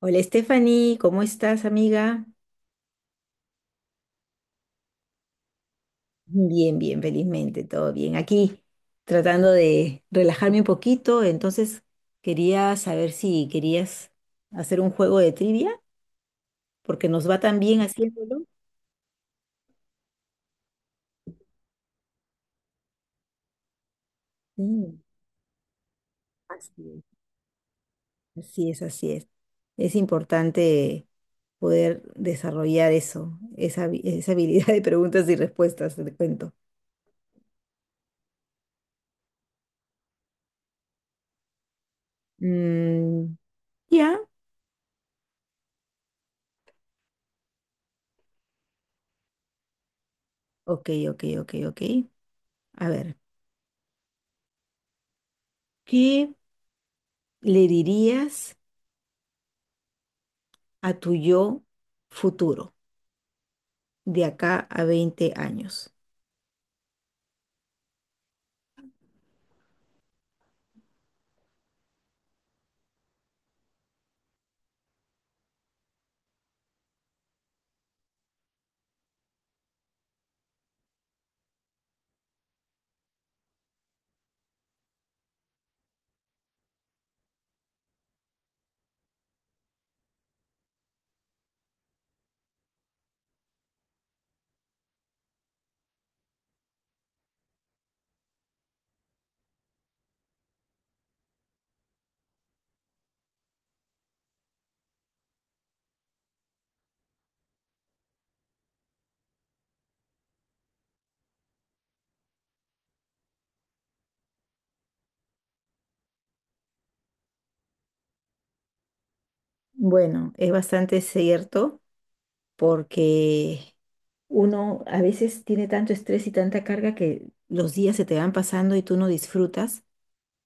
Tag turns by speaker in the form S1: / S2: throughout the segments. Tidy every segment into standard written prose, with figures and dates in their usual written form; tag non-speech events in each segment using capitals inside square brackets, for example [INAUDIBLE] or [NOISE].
S1: Hola Stephanie, ¿cómo estás amiga? Bien, bien, felizmente, todo bien. Aquí tratando de relajarme un poquito, entonces quería saber si querías hacer un juego de trivia, porque nos va tan bien haciéndolo. Sí, así es, así es, así es. Es importante poder desarrollar eso, esa habilidad de preguntas y respuestas, te cuento. Mm, ya. Ok, ok, ok, ok. A ver, ¿qué le dirías a tu yo futuro de acá a 20 años? Bueno, es bastante cierto porque uno a veces tiene tanto estrés y tanta carga que los días se te van pasando y tú no disfrutas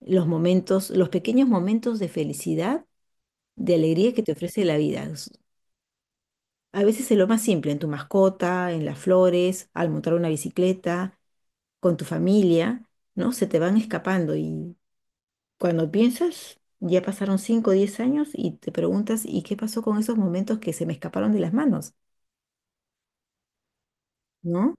S1: los momentos, los pequeños momentos de felicidad, de alegría que te ofrece la vida. A veces es lo más simple, en tu mascota, en las flores, al montar una bicicleta, con tu familia, ¿no? Se te van escapando. Y cuando piensas, ya pasaron 5 o 10 años y te preguntas, ¿y qué pasó con esos momentos que se me escaparon de las manos? ¿No?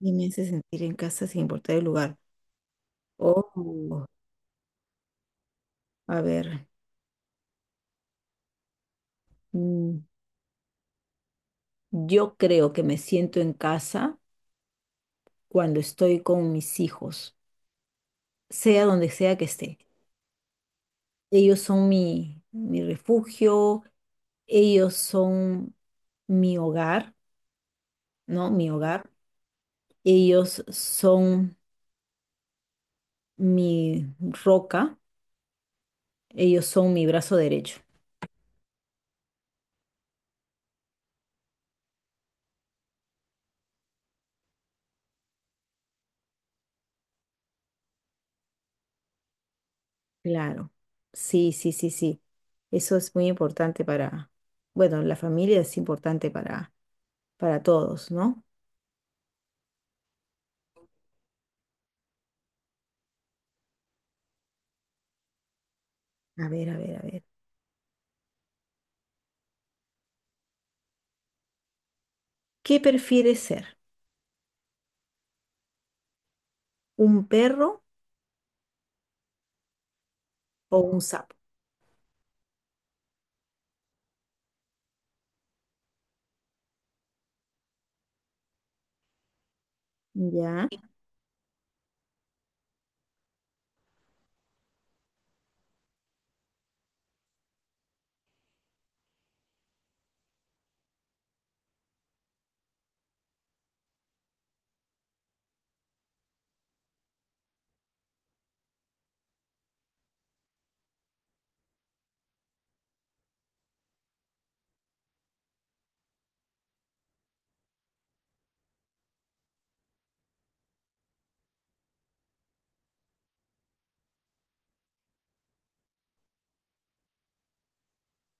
S1: Y me hace sentir en casa sin importar el lugar. Oh, a ver, mm, yo creo que me siento en casa cuando estoy con mis hijos, sea donde sea que esté. Ellos son mi refugio, ellos son mi hogar, ¿no? Mi hogar. Ellos son mi roca. Ellos son mi brazo derecho. Claro. Sí, sí, sí, sí. Eso es muy importante para, bueno, la familia es importante para todos, ¿no? A ver, a ver, a ver. ¿Qué prefieres ser? ¿Un perro o un sapo? Ya,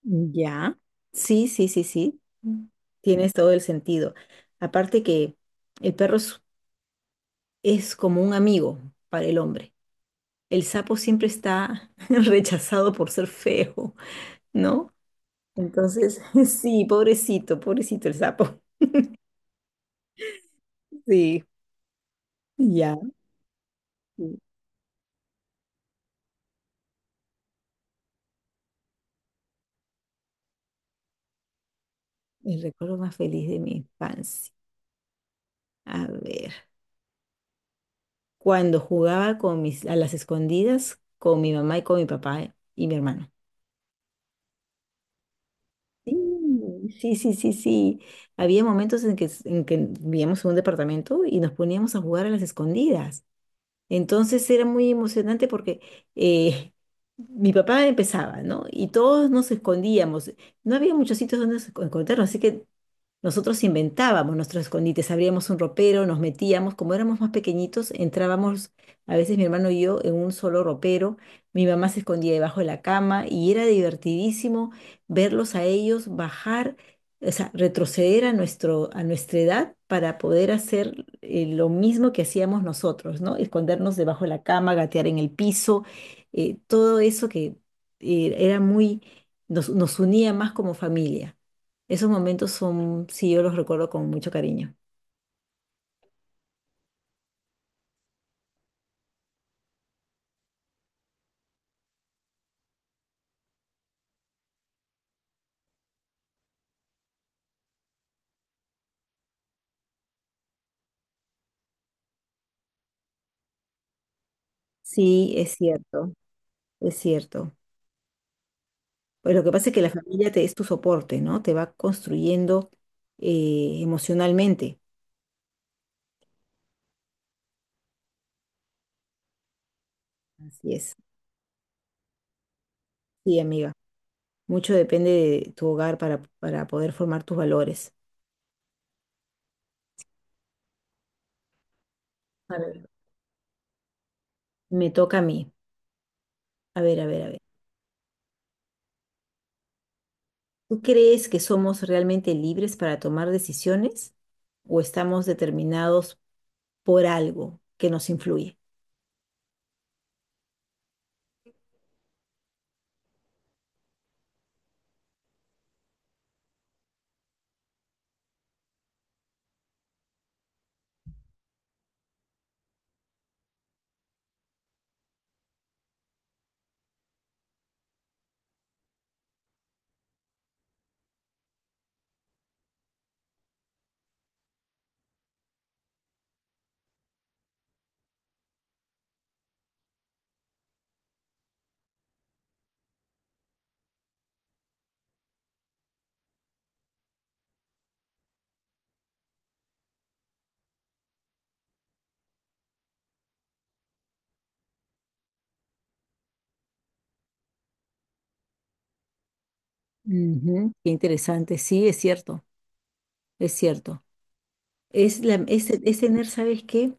S1: ya. Sí, sí, sí, sí. Mm. Tienes todo el sentido. Aparte que el perro es como un amigo para el hombre. El sapo siempre está [LAUGHS] rechazado por ser feo, ¿no? Entonces, [LAUGHS] sí, pobrecito, pobrecito el sapo. [LAUGHS] Sí, ya. Sí. El recuerdo más feliz de mi infancia. A ver, cuando jugaba con a las escondidas con mi mamá y con mi papá y mi hermano. Sí, sí, sí, sí, sí. Había momentos en que vivíamos en un departamento y nos poníamos a jugar a las escondidas. Entonces era muy emocionante porque eh, mi papá empezaba, ¿no? Y todos nos escondíamos. No había muchos sitios donde nos encontrarnos, así que nosotros inventábamos nuestros escondites, abríamos un ropero, nos metíamos, como éramos más pequeñitos, entrábamos, a veces mi hermano y yo, en un solo ropero. Mi mamá se escondía debajo de la cama y era divertidísimo verlos a ellos bajar, o sea, retroceder a nuestra edad para poder hacer lo mismo que hacíamos nosotros, ¿no? Escondernos debajo de la cama, gatear en el piso, todo eso que eh, era muy, nos unía más como familia. Esos momentos son, sí, yo los recuerdo con mucho cariño. Sí, es cierto, es cierto. Pues lo que pasa es que la familia es tu soporte, ¿no? Te va construyendo emocionalmente. Así es. Sí, amiga. Mucho depende de tu hogar para poder formar tus valores. A ver. Me toca a mí. A ver, a ver, a ver. ¿Tú crees que somos realmente libres para tomar decisiones o estamos determinados por algo que nos influye? Ujú. Qué interesante. Sí, es cierto, es cierto. Es tener, ¿sabes qué?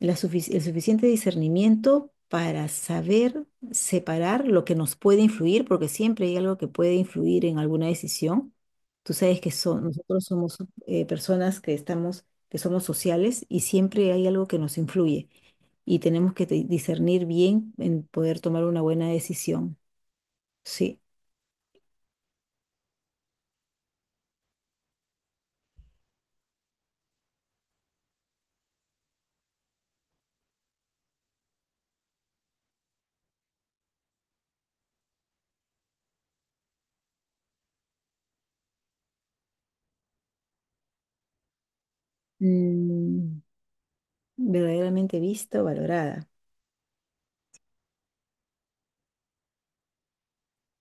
S1: El suficiente discernimiento para saber separar lo que nos puede influir, porque siempre hay algo que puede influir en alguna decisión. Tú sabes que nosotros somos personas que somos sociales y siempre hay algo que nos influye y tenemos que discernir bien en poder tomar una buena decisión. Sí. Mm, verdaderamente visto, valorada.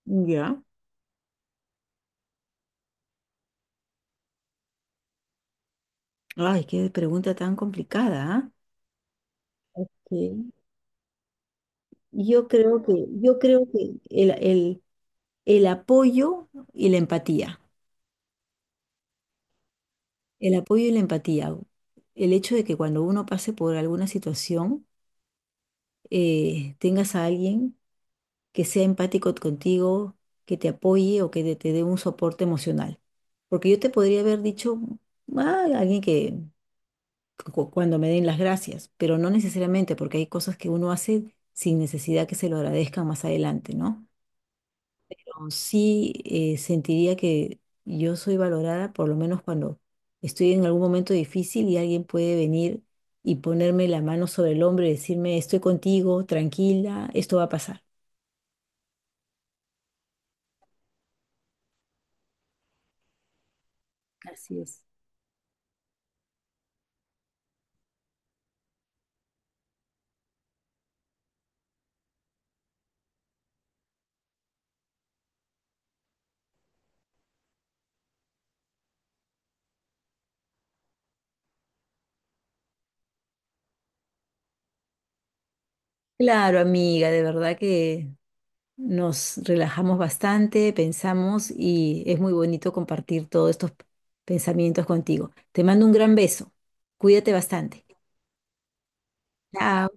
S1: Ya. Ay, qué pregunta tan complicada, ¿ah? Sí. Yo creo que el apoyo y la empatía, el apoyo y la empatía, el hecho de que cuando uno pase por alguna situación, tengas a alguien que sea empático contigo, que te apoye o que te dé un soporte emocional. Porque yo te podría haber dicho, "Ah, alguien que cuando me den las gracias", pero no necesariamente, porque hay cosas que uno hace sin necesidad que se lo agradezcan más adelante, ¿no? Sí, sentiría que yo soy valorada, por lo menos cuando estoy en algún momento difícil y alguien puede venir y ponerme la mano sobre el hombro y decirme, estoy contigo, tranquila, esto va a pasar. Así es. Claro, amiga, de verdad que nos relajamos bastante, pensamos y es muy bonito compartir todos estos pensamientos contigo. Te mando un gran beso. Cuídate bastante. Chao.